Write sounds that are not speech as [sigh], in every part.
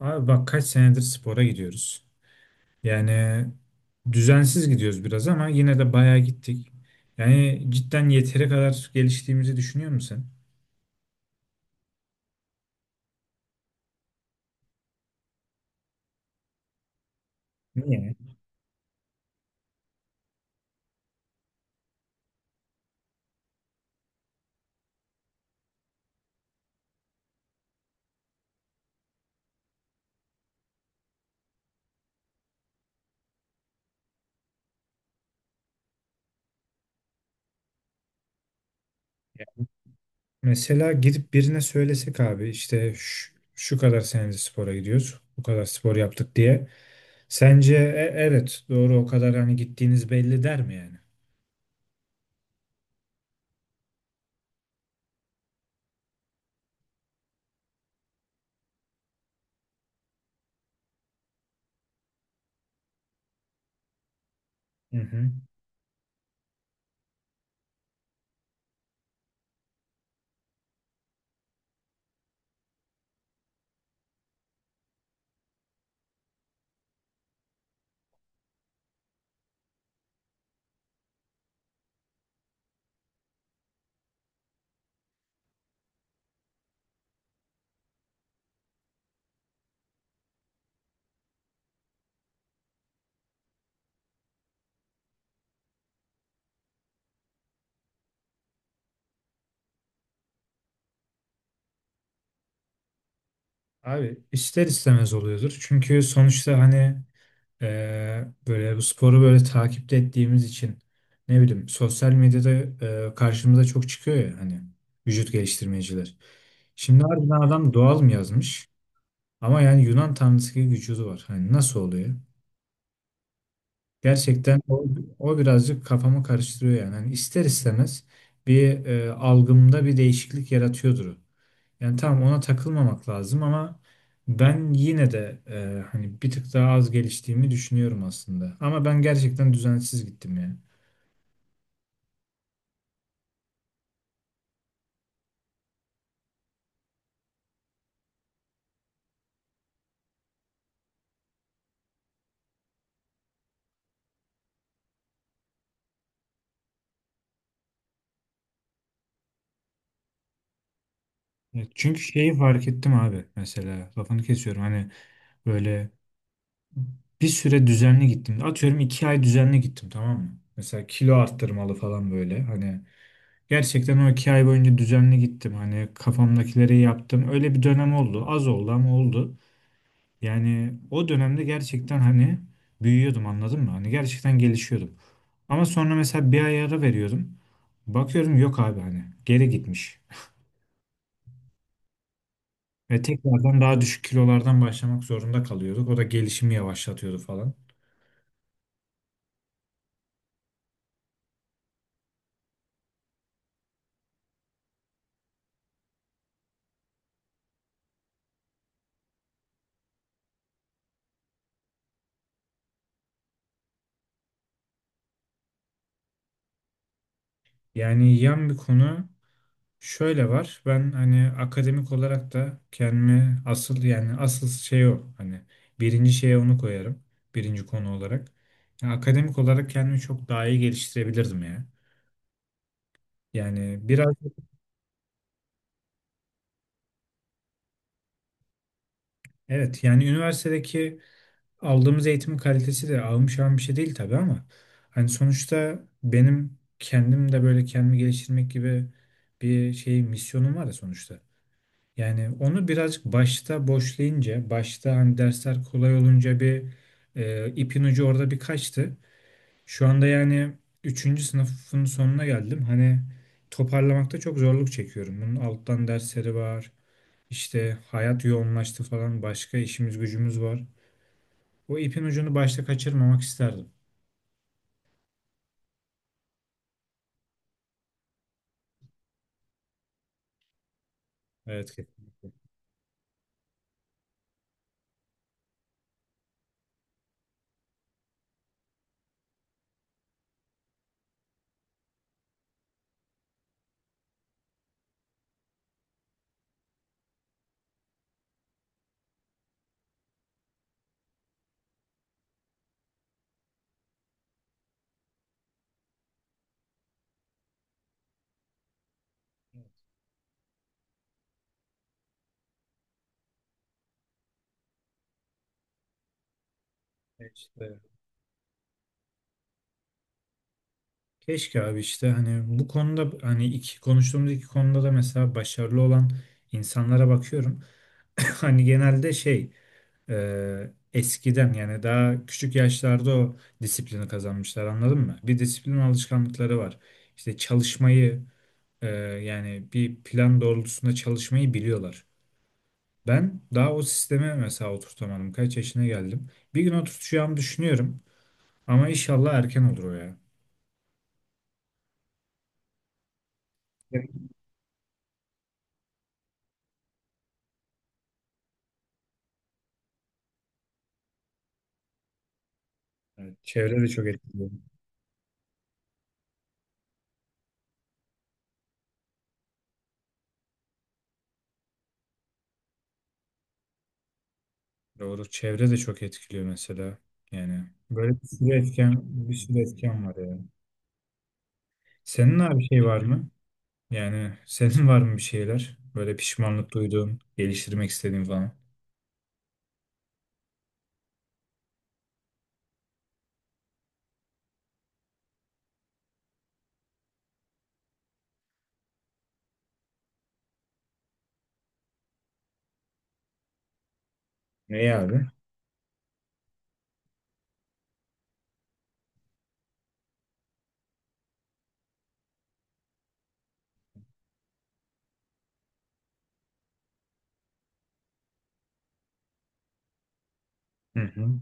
Abi bak kaç senedir spora gidiyoruz. Yani düzensiz gidiyoruz biraz ama yine de bayağı gittik. Yani cidden yeteri kadar geliştiğimizi düşünüyor musun? Niye? Ya, mesela gidip birine söylesek abi işte şu, şu kadar senedir spora gidiyoruz. Bu kadar spor yaptık diye. Sence "E, evet doğru o kadar hani gittiğiniz belli" der mi yani? Hı hı. Abi ister istemez oluyordur. Çünkü sonuçta hani böyle bu sporu böyle takipte ettiğimiz için ne bileyim sosyal medyada karşımıza çok çıkıyor ya hani vücut geliştirmeciler. Şimdi harbiden adam doğal mı yazmış? Ama yani Yunan tanrısı gibi vücudu var. Hani nasıl oluyor? Gerçekten o birazcık kafamı karıştırıyor yani. Hani ister istemez bir algımda bir değişiklik yaratıyordur o. Yani tamam ona takılmamak lazım ama ben yine de hani bir tık daha az geliştiğimi düşünüyorum aslında. Ama ben gerçekten düzensiz gittim yani. Evet, çünkü şeyi fark ettim abi, mesela lafını kesiyorum hani, böyle bir süre düzenli gittim. Atıyorum iki ay düzenli gittim, tamam mı? Mesela kilo arttırmalı falan, böyle hani gerçekten o iki ay boyunca düzenli gittim. Hani kafamdakileri yaptım, öyle bir dönem oldu, az oldu ama oldu. Yani o dönemde gerçekten hani büyüyordum, anladın mı? Hani gerçekten gelişiyordum. Ama sonra mesela bir ay ara veriyordum. Bakıyorum yok abi, hani geri gitmiş. Ve tekrardan daha düşük kilolardan başlamak zorunda kalıyorduk. O da gelişimi yavaşlatıyordu falan. Yani yan bir konu şöyle var. Ben hani akademik olarak da kendimi asıl, yani asıl şey o. Hani birinci şeye onu koyarım. Birinci konu olarak. Yani akademik olarak kendimi çok daha iyi geliştirebilirdim ya. Yani biraz evet, yani üniversitedeki aldığımız eğitimin kalitesi de ahım şahım bir şey değil tabii ama hani sonuçta benim kendim de böyle kendimi geliştirmek gibi bir şey misyonum var ya sonuçta. Yani onu birazcık başta boşlayınca, başta hani dersler kolay olunca bir ipin ucu orada bir kaçtı. Şu anda yani üçüncü sınıfın sonuna geldim. Hani toparlamakta çok zorluk çekiyorum. Bunun alttan dersleri var. İşte hayat yoğunlaştı falan, başka işimiz gücümüz var. O ipin ucunu başta kaçırmamak isterdim. Evet ki. İşte. Keşke abi, işte hani bu konuda hani iki konuştuğumuz iki konuda da mesela başarılı olan insanlara bakıyorum. [coughs] [laughs] Hani genelde şey, eskiden yani daha küçük yaşlarda o disiplini kazanmışlar, anladın mı? Bir disiplin alışkanlıkları var. İşte çalışmayı, e, yani bir plan doğrultusunda çalışmayı biliyorlar. Ben daha o sisteme mesela oturtamadım. Kaç yaşına geldim. Bir gün oturtacağımı düşünüyorum. Ama inşallah erken olur o ya. Evet, yani çevre de çok etkiliyor. Doğru. Çevre de çok etkiliyor mesela. Yani böyle bir sürü etken, bir sürü etken var ya. Senin abi şey var mı? Yani senin var mı bir şeyler? Böyle pişmanlık duyduğun, geliştirmek istediğin falan. Ne abi? Hı hı.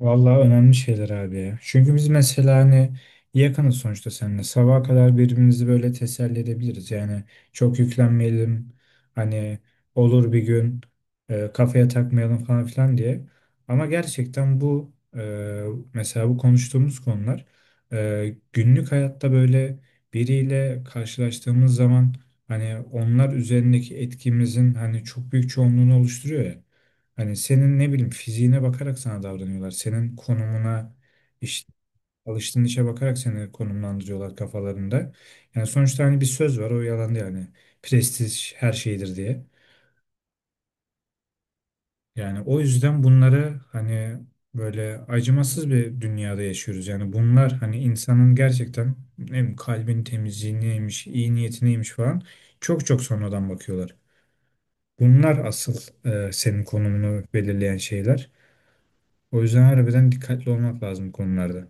Vallahi önemli şeyler abi ya. Çünkü biz mesela hani yakınız sonuçta seninle. Sabaha kadar birbirimizi böyle teselli edebiliriz. Yani çok yüklenmeyelim. Hani olur bir gün, kafaya takmayalım falan filan diye. Ama gerçekten bu mesela bu konuştuğumuz konular, günlük hayatta böyle biriyle karşılaştığımız zaman hani onlar üzerindeki etkimizin hani çok büyük çoğunluğunu oluşturuyor ya. Hani senin ne bileyim fiziğine bakarak sana davranıyorlar. Senin konumuna, işte alıştığın işe bakarak seni konumlandırıyorlar kafalarında. Yani sonuçta hani bir söz var, o yalan değil yani. Prestij her şeydir diye. Yani o yüzden bunları hani böyle acımasız bir dünyada yaşıyoruz. Yani bunlar hani insanın gerçekten ne bileyim kalbin temizliğineymiş, iyi niyetineymiş falan çok çok sonradan bakıyorlar. Bunlar asıl senin konumunu belirleyen şeyler. O yüzden harbiden dikkatli olmak lazım bu konularda.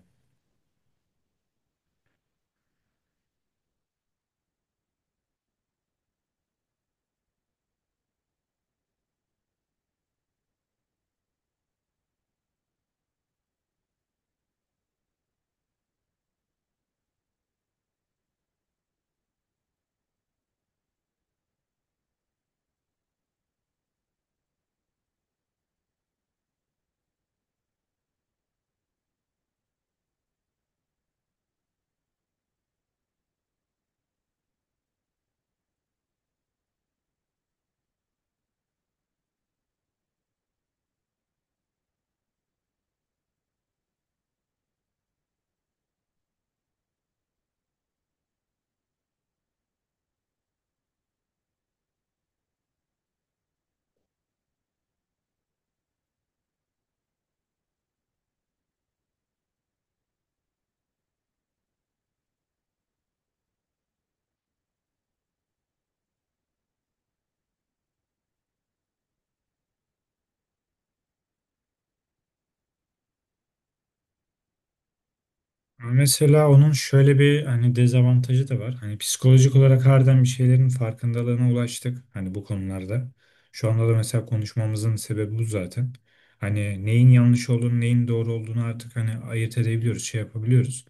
Ama mesela onun şöyle bir hani dezavantajı da var. Hani psikolojik olarak harbiden bir şeylerin farkındalığına ulaştık. Hani bu konularda. Şu anda da mesela konuşmamızın sebebi bu zaten. Hani neyin yanlış olduğunu, neyin doğru olduğunu artık hani ayırt edebiliyoruz, şey yapabiliyoruz.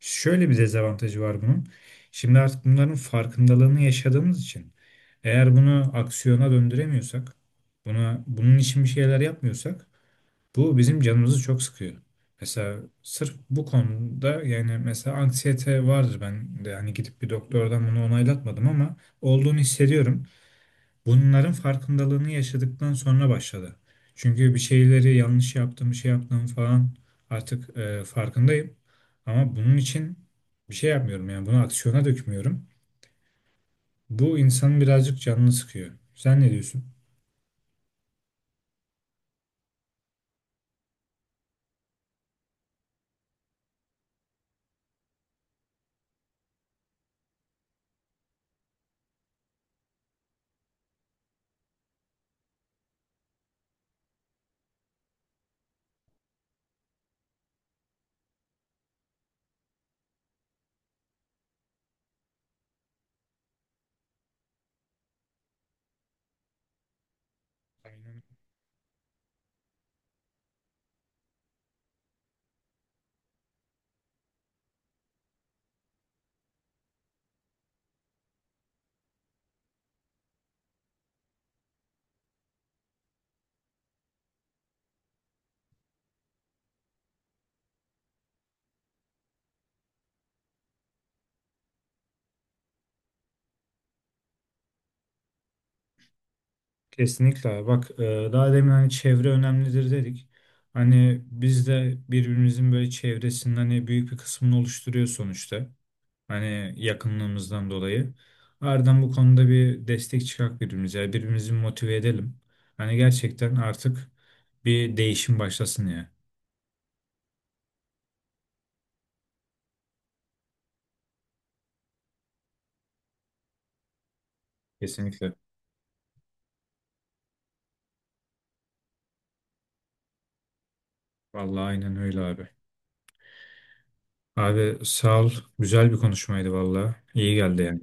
Şöyle bir dezavantajı var bunun. Şimdi artık bunların farkındalığını yaşadığımız için, eğer bunu aksiyona döndüremiyorsak, buna bunun için bir şeyler yapmıyorsak, bu bizim canımızı çok sıkıyor. Mesela sırf bu konuda, yani mesela anksiyete vardır ben de hani gidip bir doktordan bunu onaylatmadım ama olduğunu hissediyorum. Bunların farkındalığını yaşadıktan sonra başladı. Çünkü bir şeyleri yanlış yaptım, şey yaptım falan, artık farkındayım. Ama bunun için bir şey yapmıyorum, yani bunu aksiyona dökmüyorum. Bu insanın birazcık canını sıkıyor. Sen ne diyorsun? Kesinlikle abi. Bak daha demin hani çevre önemlidir dedik. Hani biz de birbirimizin böyle çevresinin hani büyük bir kısmını oluşturuyor sonuçta. Hani yakınlığımızdan dolayı. Ardından bu konuda bir destek çıkak birbirimize. Yani birbirimizi motive edelim. Hani gerçekten artık bir değişim başlasın ya. Kesinlikle. Vallahi aynen öyle abi. Abi sağ ol. Güzel bir konuşmaydı vallahi. İyi geldi yani.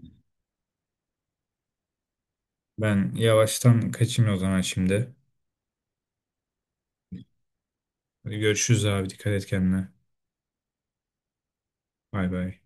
Ben yavaştan kaçayım o zaman şimdi. Hadi görüşürüz abi. Dikkat et kendine. Bay bay.